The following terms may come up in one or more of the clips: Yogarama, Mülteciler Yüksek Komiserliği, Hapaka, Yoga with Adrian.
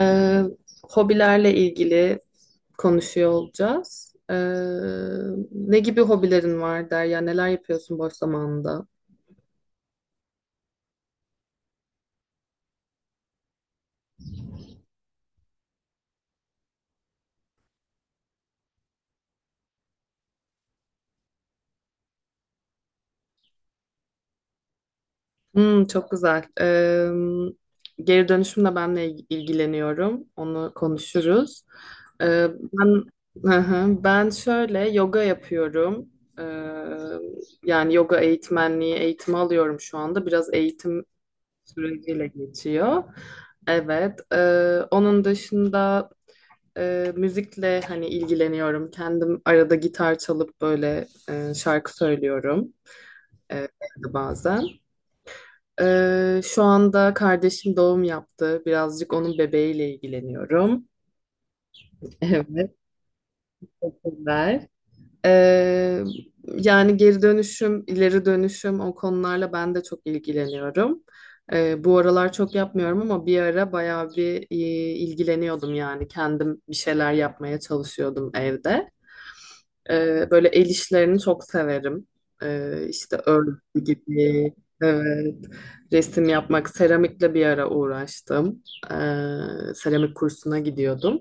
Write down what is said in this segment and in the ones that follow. Ee, Hobilerle ilgili konuşuyor olacağız. Ne gibi hobilerin var der ya, neler yapıyorsun boş zamanında? Hmm, çok güzel. Geri dönüşümle ben de ilgileniyorum. Onu konuşuruz. Ee, ben Hı hı. Ben şöyle yoga yapıyorum. Ee, Yani yoga eğitmenliği eğitimi alıyorum şu anda. Biraz eğitim süreciyle geçiyor. Evet. Onun dışında müzikle hani ilgileniyorum. Kendim arada gitar çalıp böyle şarkı söylüyorum evde bazen. Şu anda kardeşim doğum yaptı. Birazcık onun bebeğiyle ilgileniyorum. Evet, teşekkürler. E, Yani geri dönüşüm, ileri dönüşüm o konularla ben de çok ilgileniyorum. Bu aralar çok yapmıyorum ama bir ara bayağı bir ilgileniyordum, yani kendim bir şeyler yapmaya çalışıyordum evde. Böyle el işlerini çok severim. İşte örgü gibi, evet, resim yapmak, seramikle bir ara uğraştım. Seramik kursuna gidiyordum.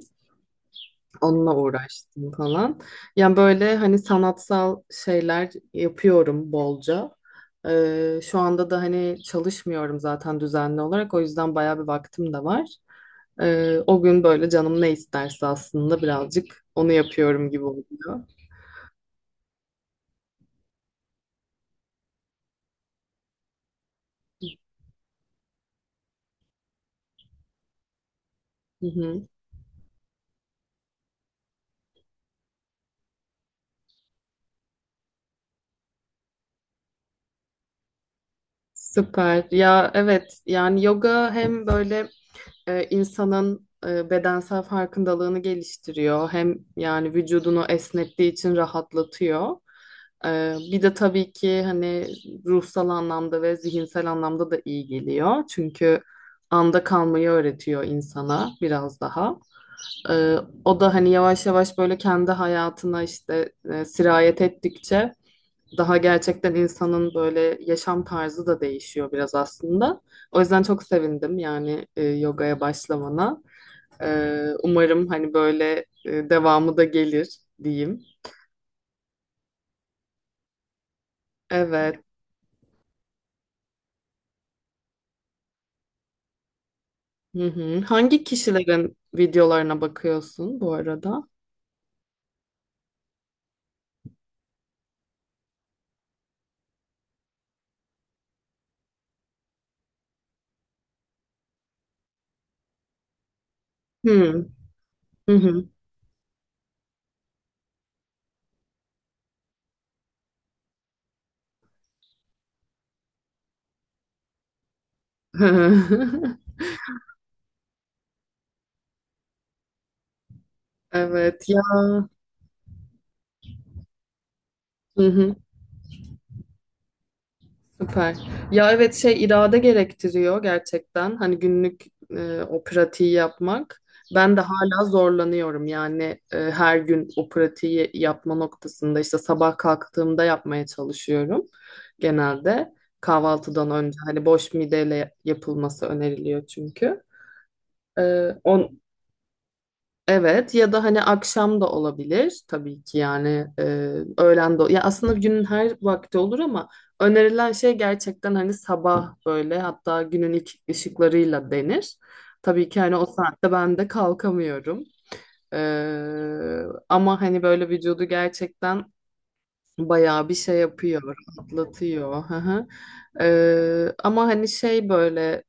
Onunla uğraştım falan. Yani böyle hani sanatsal şeyler yapıyorum bolca. Şu anda da hani çalışmıyorum zaten düzenli olarak. O yüzden bayağı bir vaktim de var. O gün böyle canım ne isterse aslında birazcık onu yapıyorum gibi oluyor. Hı hı. Süper. Ya evet, yani yoga hem böyle insanın bedensel farkındalığını geliştiriyor, hem yani vücudunu esnettiği için rahatlatıyor. Bir de tabii ki hani ruhsal anlamda ve zihinsel anlamda da iyi geliyor. Çünkü anda kalmayı öğretiyor insana biraz daha. E, O da hani yavaş yavaş böyle kendi hayatına işte sirayet ettikçe daha gerçekten insanın böyle yaşam tarzı da değişiyor biraz aslında. O yüzden çok sevindim yani yogaya başlamana. Umarım hani böyle devamı da gelir diyeyim. Evet. Hı hı. Hangi kişilerin videolarına bakıyorsun bu arada? Hı hı. Hı. Evet ya. Hı hı. Süper. Ya evet, şey, irade gerektiriyor gerçekten. Hani günlük o pratiği yapmak. Ben de hala zorlanıyorum yani her gün o pratiği yapma noktasında, işte sabah kalktığımda yapmaya çalışıyorum genelde. Kahvaltıdan önce hani boş mideyle yapılması öneriliyor çünkü. E, on, Evet, ya da hani akşam da olabilir tabii ki, yani öğlen de ya, aslında günün her vakti olur ama önerilen şey gerçekten hani sabah böyle, hatta günün ilk ışıklarıyla denir. Tabii ki hani o saatte ben de kalkamıyorum. E, Ama hani böyle vücudu gerçekten bayağı bir şey yapıyor, atlatıyor. Ama hani şey böyle,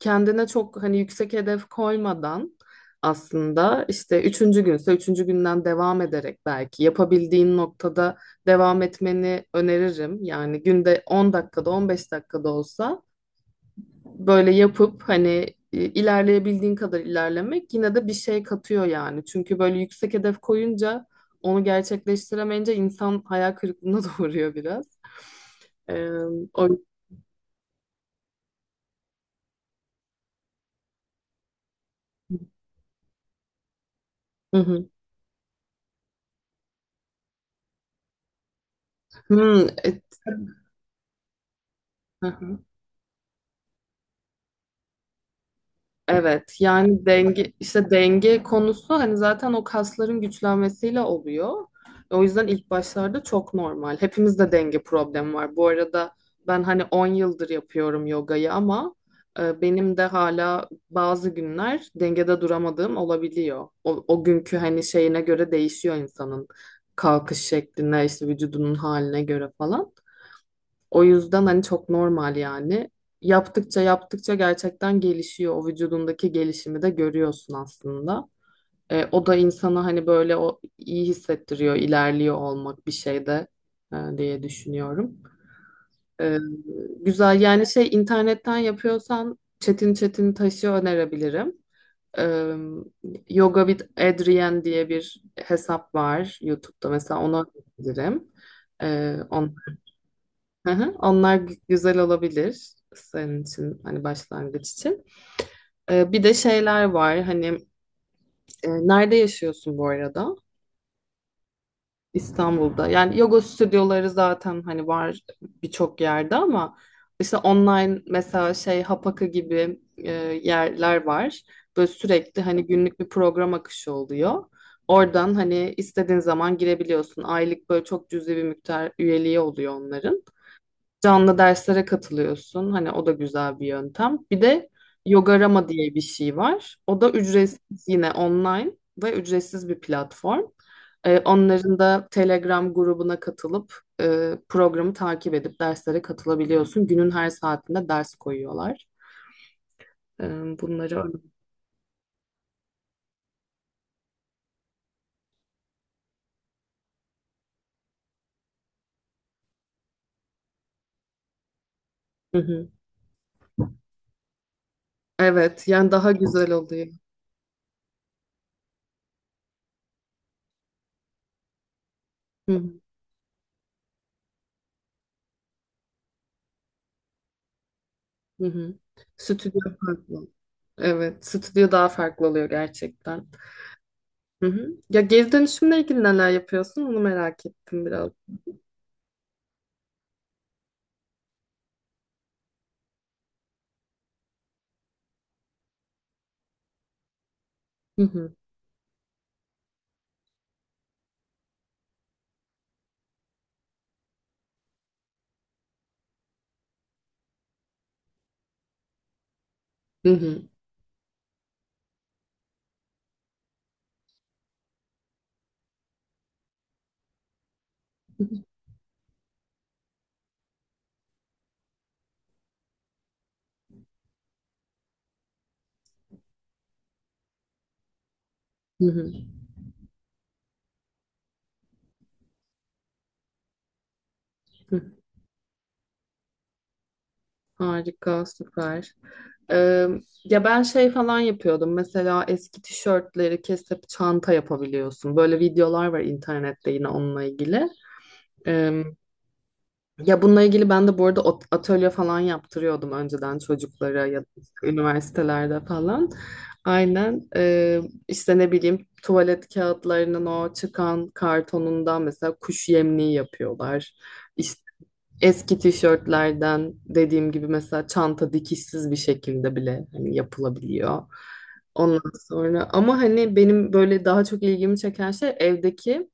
kendine çok hani yüksek hedef koymadan, aslında işte üçüncü günse üçüncü günden devam ederek belki yapabildiğin noktada devam etmeni öneririm. Yani günde 10 dakikada 15 dakikada olsa böyle yapıp hani ilerleyebildiğin kadar ilerlemek yine de bir şey katıyor yani. Çünkü böyle yüksek hedef koyunca onu gerçekleştiremeyince insan hayal kırıklığına doğruyor biraz. Ee, o... Hı hı. Hmm, e- Evet, yani denge, işte denge konusu hani zaten o kasların güçlenmesiyle oluyor. O yüzden ilk başlarda çok normal. Hepimizde denge problemi var. Bu arada ben hani 10 yıldır yapıyorum yogayı ama benim de hala bazı günler dengede duramadığım olabiliyor. O günkü hani şeyine göre değişiyor insanın kalkış şekline, işte vücudunun haline göre falan. O yüzden hani çok normal yani. Yaptıkça yaptıkça gerçekten gelişiyor. O vücudundaki gelişimi de görüyorsun aslında. O da insana hani böyle o iyi hissettiriyor, ilerliyor olmak bir şeyde diye düşünüyorum. E, Güzel, yani şey internetten yapıyorsan Çetin Taş'ı önerebilirim. E, Yoga with Adrian diye bir hesap var YouTube'da, mesela onu önerebilirim. E, on- Hı hı, onlar güzel olabilir senin için hani başlangıç için. Bir de şeyler var hani, nerede yaşıyorsun bu arada? İstanbul'da. Yani yoga stüdyoları zaten hani var birçok yerde ama işte online mesela şey Hapaka gibi yerler var. Böyle sürekli hani günlük bir program akışı oluyor. Oradan hani istediğin zaman girebiliyorsun. Aylık böyle çok cüzi bir miktar üyeliği oluyor onların. Canlı derslere katılıyorsun. Hani o da güzel bir yöntem. Bir de Yogarama diye bir şey var. O da ücretsiz, yine online ve ücretsiz bir platform. Onların da Telegram grubuna katılıp programı takip edip derslere katılabiliyorsun. Günün her saatinde ders koyuyorlar. Ee, Bunları. Hı hı. Evet, yani daha güzel oluyor. Hı hı. Hı hı. Stüdyo farklı. Evet, stüdyo daha farklı oluyor gerçekten. Hı hı. Ya geri dönüşümle ilgili neler yapıyorsun? Onu merak ettim biraz. Hı hı. Hı hı. Hı hı. Hı hı. Harika, süper. Ee, Ya ben şey falan yapıyordum. Mesela eski tişörtleri kesip çanta yapabiliyorsun. Böyle videolar var internette, yine onunla ilgili. Ee, Ya bununla ilgili ben de bu arada atölye falan yaptırıyordum önceden, çocuklara ya da işte üniversitelerde falan. Aynen. İşte ne bileyim, tuvalet kağıtlarının o çıkan kartonundan mesela kuş yemliği yapıyorlar. İşte eski tişörtlerden dediğim gibi mesela çanta dikişsiz bir şekilde bile hani yapılabiliyor. Ondan sonra ama hani benim böyle daha çok ilgimi çeken şey evdeki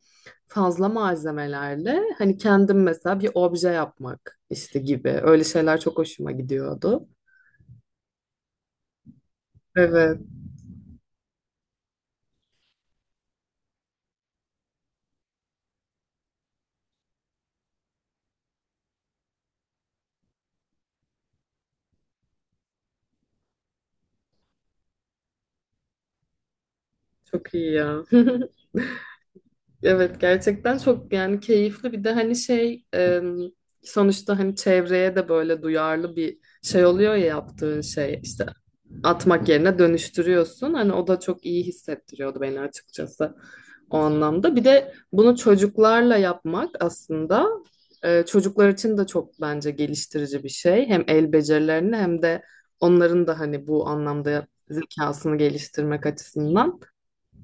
fazla malzemelerle hani kendim mesela bir obje yapmak işte gibi. Öyle şeyler çok hoşuma gidiyordu. Evet, çok iyi ya. Evet, gerçekten çok yani keyifli, bir de hani şey, sonuçta hani çevreye de böyle duyarlı bir şey oluyor ya, yaptığın şey işte atmak yerine dönüştürüyorsun. Hani o da çok iyi hissettiriyordu beni açıkçası o anlamda. Bir de bunu çocuklarla yapmak aslında çocuklar için de çok bence geliştirici bir şey. Hem el becerilerini hem de onların da hani bu anlamda zekasını geliştirmek açısından.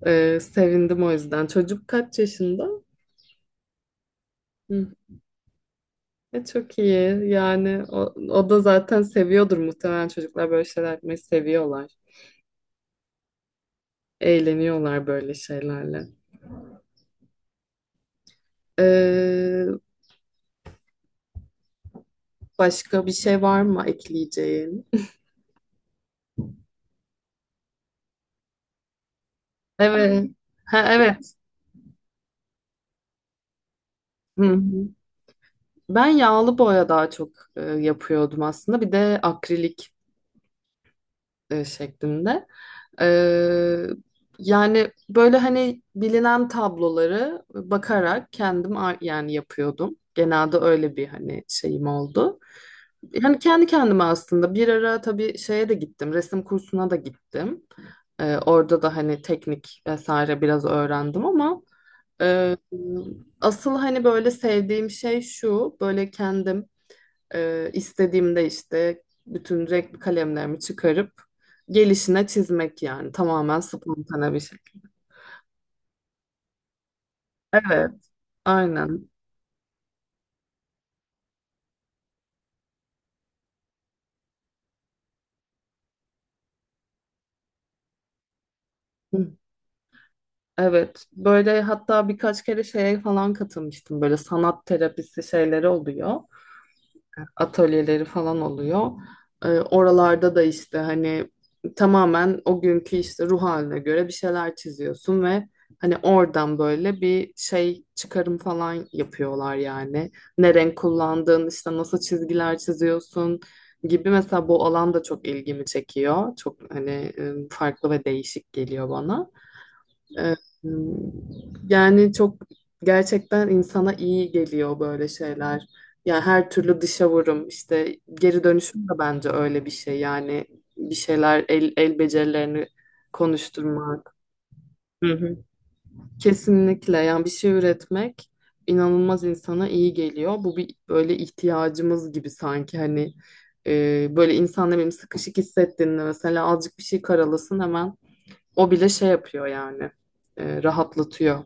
Sevindim o yüzden. Çocuk kaç yaşında? Hı. Çok iyi. Yani o da zaten seviyordur muhtemelen, çocuklar böyle şeyler yapmayı seviyorlar. Eğleniyorlar böyle şeylerle. Ee, Başka bir şey var mı ekleyeceğin? Evet. Ha, evet. Hı hı. Ben yağlı boya daha çok yapıyordum aslında. Bir de akrilik şeklinde. Ee, Yani böyle hani bilinen tabloları bakarak kendim yani yapıyordum. Genelde öyle bir hani şeyim oldu. Yani kendi kendime aslında bir ara tabii şeye de gittim, resim kursuna da gittim. Orada da hani teknik vesaire biraz öğrendim ama e, asıl hani böyle sevdiğim şey şu, böyle kendim istediğimde işte bütün renkli kalemlerimi çıkarıp gelişine çizmek, yani tamamen spontane bir şekilde. Evet, aynen. Hı. Evet, böyle hatta birkaç kere şeye falan katılmıştım. Böyle sanat terapisi şeyleri oluyor. Atölyeleri falan oluyor. Oralarda da işte hani tamamen o günkü işte ruh haline göre bir şeyler çiziyorsun ve hani oradan böyle bir şey çıkarım falan yapıyorlar yani. Ne renk kullandığın, işte nasıl çizgiler çiziyorsun gibi, mesela bu alan da çok ilgimi çekiyor. Çok hani farklı ve değişik geliyor bana. Ee, Yani çok, gerçekten insana iyi geliyor böyle şeyler. Yani her türlü dışa vurum, işte geri dönüşüm de bence öyle bir şey. Yani bir şeyler, el becerilerini konuşturmak. Hı hı. Kesinlikle, yani bir şey üretmek inanılmaz insana iyi geliyor. Bu bir böyle ihtiyacımız gibi sanki hani, böyle insan ne bileyim sıkışık hissettiğinde mesela azıcık bir şey karalasın, hemen o bile şey yapıyor yani, rahatlatıyor.